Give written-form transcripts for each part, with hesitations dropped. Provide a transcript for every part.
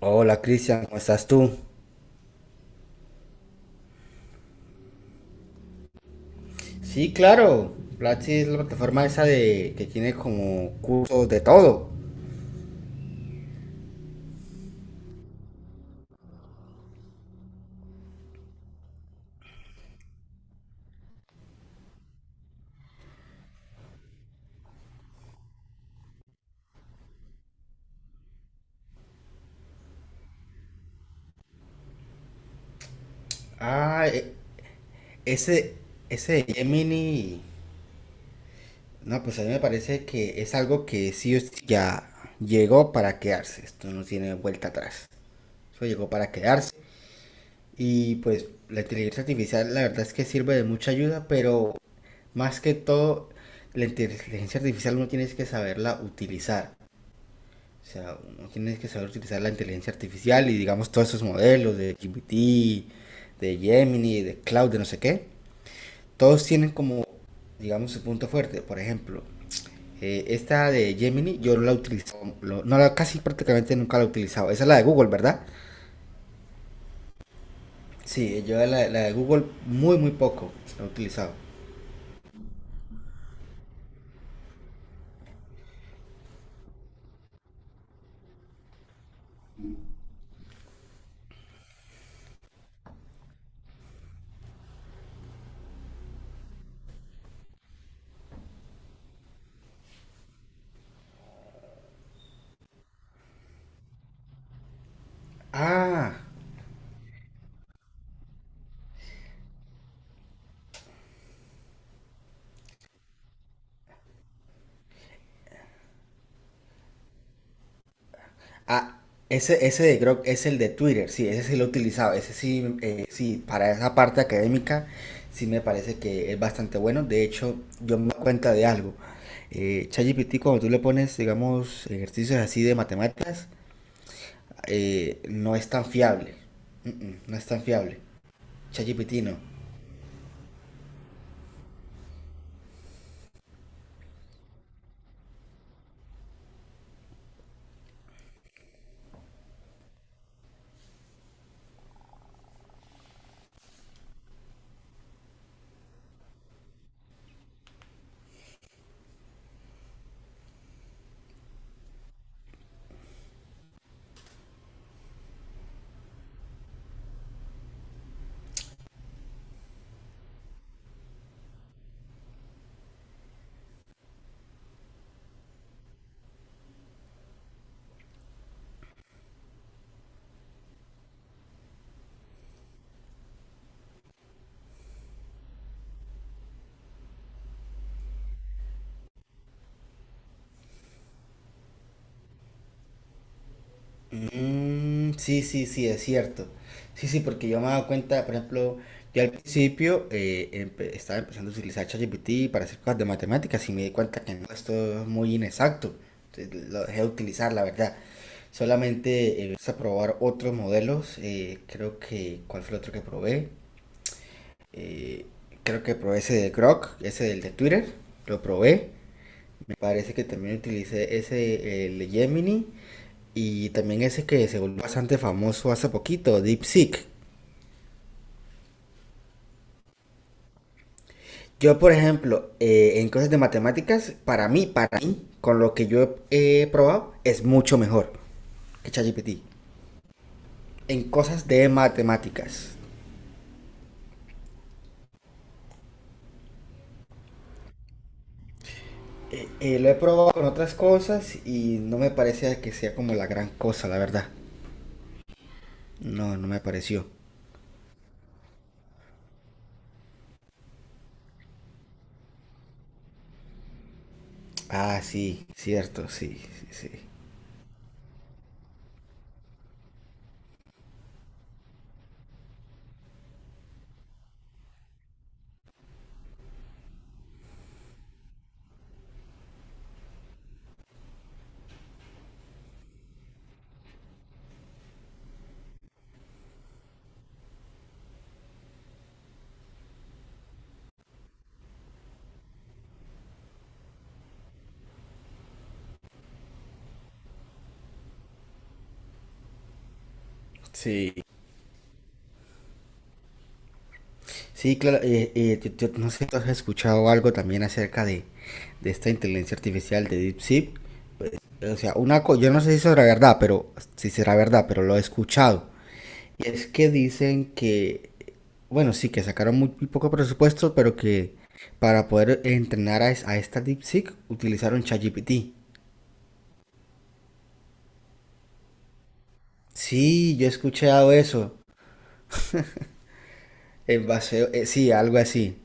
Hola Cristian, ¿cómo estás tú? Sí, claro. Platzi es la plataforma esa de que tiene como cursos de todo. Ah, ese, ese de Gemini. No, pues a mí me parece que es algo que sí o sí ya llegó para quedarse. Esto no tiene vuelta atrás. Eso llegó para quedarse. Y pues la inteligencia artificial la verdad es que sirve de mucha ayuda, pero más que todo, la inteligencia artificial uno tiene que saberla utilizar. O sea, uno tiene que saber utilizar la inteligencia artificial y digamos todos esos modelos de GPT, de Gemini, de Cloud, de no sé qué. Todos tienen como, digamos, su punto fuerte. Por ejemplo, esta de Gemini yo no la utilizo, no la, casi prácticamente nunca la he utilizado. Esa es la de Google, ¿verdad? Sí, yo la de Google muy, muy poco la he utilizado. Ah, Ah, ese de Grok es el de Twitter, sí, ese sí lo he utilizado, ese sí, sí, para esa parte académica sí me parece que es bastante bueno. De hecho, yo me doy cuenta de algo. ChatGPT, cuando tú le pones, digamos, ejercicios así de matemáticas, no es tan fiable. No es tan fiable. ChatGPT no. Mm, sí, sí, sí, es cierto. Sí, sí, porque yo me he dado cuenta, por ejemplo, yo al principio estaba empezando a utilizar ChatGPT para hacer cosas de matemáticas y me di cuenta que no, esto es muy inexacto. Entonces, lo dejé de utilizar, la verdad. Solamente empecé a probar otros modelos. Creo que, ¿cuál fue el otro que probé? Eh, Creo que probé ese de Grok, ese del de Twitter. Lo probé. Me parece que también utilicé ese, el de Gemini. Y también ese que se volvió bastante famoso hace poquito, DeepSeek. Yo, por ejemplo, en cosas de matemáticas, para mí, con lo que yo he probado, es mucho mejor que ChatGPT. En cosas de matemáticas. Lo he probado con otras cosas y no me parece que sea como la gran cosa, la verdad. No, no me pareció. Ah, sí, cierto, sí, sí, sí. Sí, sí, claro, yo no sé si has escuchado algo también acerca de esta inteligencia artificial de DeepSeek. O sea, una yo no sé si será verdad, pero si será verdad, pero lo he escuchado. Y es que dicen que, bueno, sí, que sacaron muy, muy poco presupuesto, pero que para poder entrenar a esta DeepSeek utilizaron ChatGPT. Sí, yo he escuchado eso. En base, sí, algo así.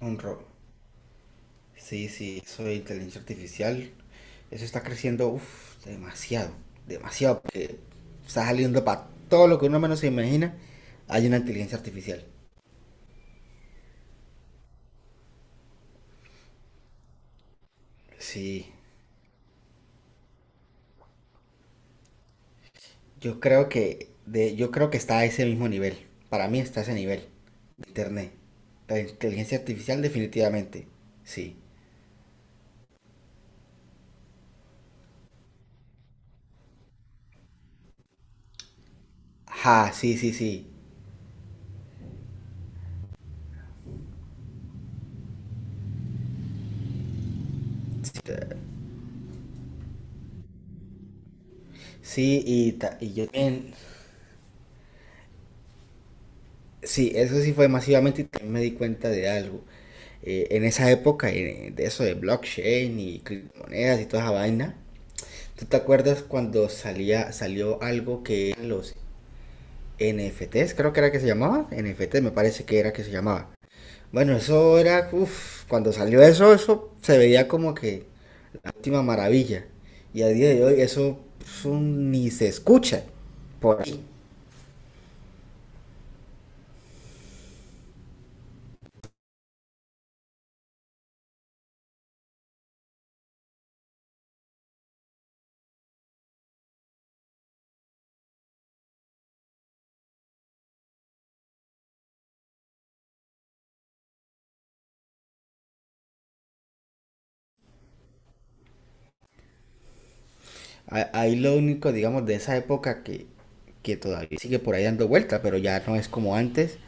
Un robo. Sí, sí, eso de inteligencia artificial. Eso está creciendo, uf, demasiado, demasiado, porque está saliendo para todo lo que uno menos se imagina, hay una inteligencia artificial. Sí, yo creo que está a ese mismo nivel. Para mí está a ese nivel de internet. La inteligencia artificial definitivamente. Sí. Ajá, sí, sí, sí. Sí, y yo también. Sí, eso sí fue masivamente y también me di cuenta de algo. En esa época, de eso de blockchain y criptomonedas y toda esa vaina, ¿tú te acuerdas cuando salió algo que eran los NFTs? Creo que era que se llamaba. NFT me parece que era que se llamaba. Bueno, eso era, uff, cuando salió eso, eso se veía como que la última maravilla. Y a día de hoy eso ni se escucha por ahí. Ah, ahí lo único, digamos, de esa época que todavía sigue por ahí dando vuelta, pero ya no es como antes.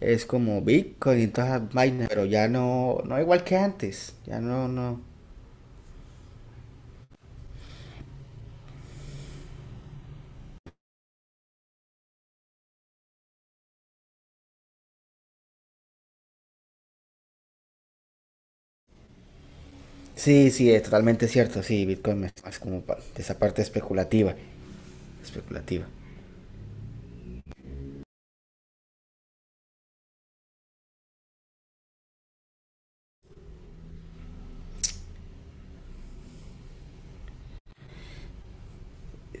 Es como Bitcoin y todas las vainas, pero ya no, no igual que antes. Ya no, no. Sí, sí, es totalmente cierto. Sí, Bitcoin es más como de esa parte especulativa. Especulativa.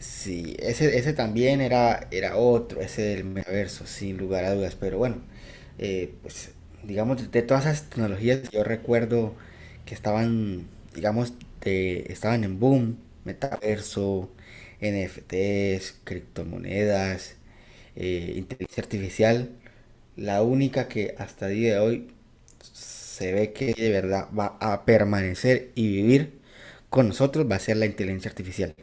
Sí, ese también era otro, ese del metaverso, sin lugar a dudas. Pero bueno, pues digamos, de todas esas tecnologías que yo recuerdo que estaban, digamos, estaban en boom, metaverso, NFTs, criptomonedas, inteligencia artificial, la única que hasta el día de hoy se ve que de verdad va a permanecer y vivir con nosotros va a ser la inteligencia artificial.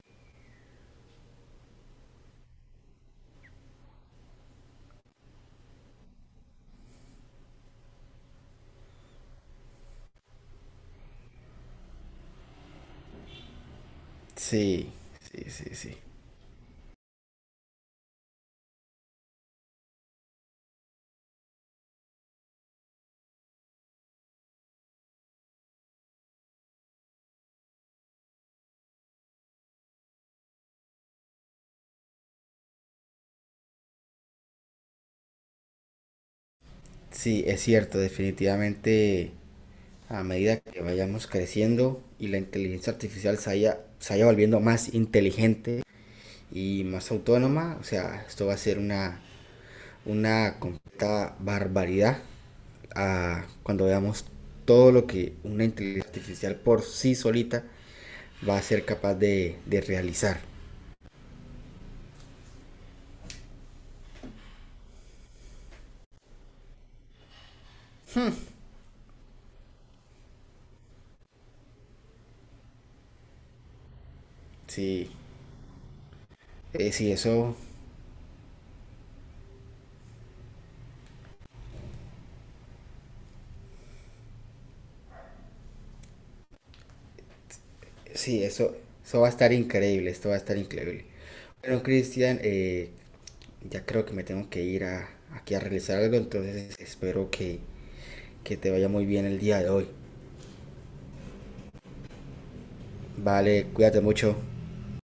Sí, sí, sí, sí. Sí, es cierto, definitivamente a medida que vayamos creciendo y la inteligencia artificial se vaya volviendo más inteligente y más autónoma, o sea, esto va a ser una completa barbaridad, cuando veamos todo lo que una inteligencia artificial por sí solita va a ser capaz de realizar. Sí, sí, eso. Sí, eso va a estar increíble, esto va a estar increíble. Bueno, Cristian, ya creo que me tengo que ir aquí a realizar algo, entonces espero que te vaya muy bien el día de hoy. Vale, cuídate mucho.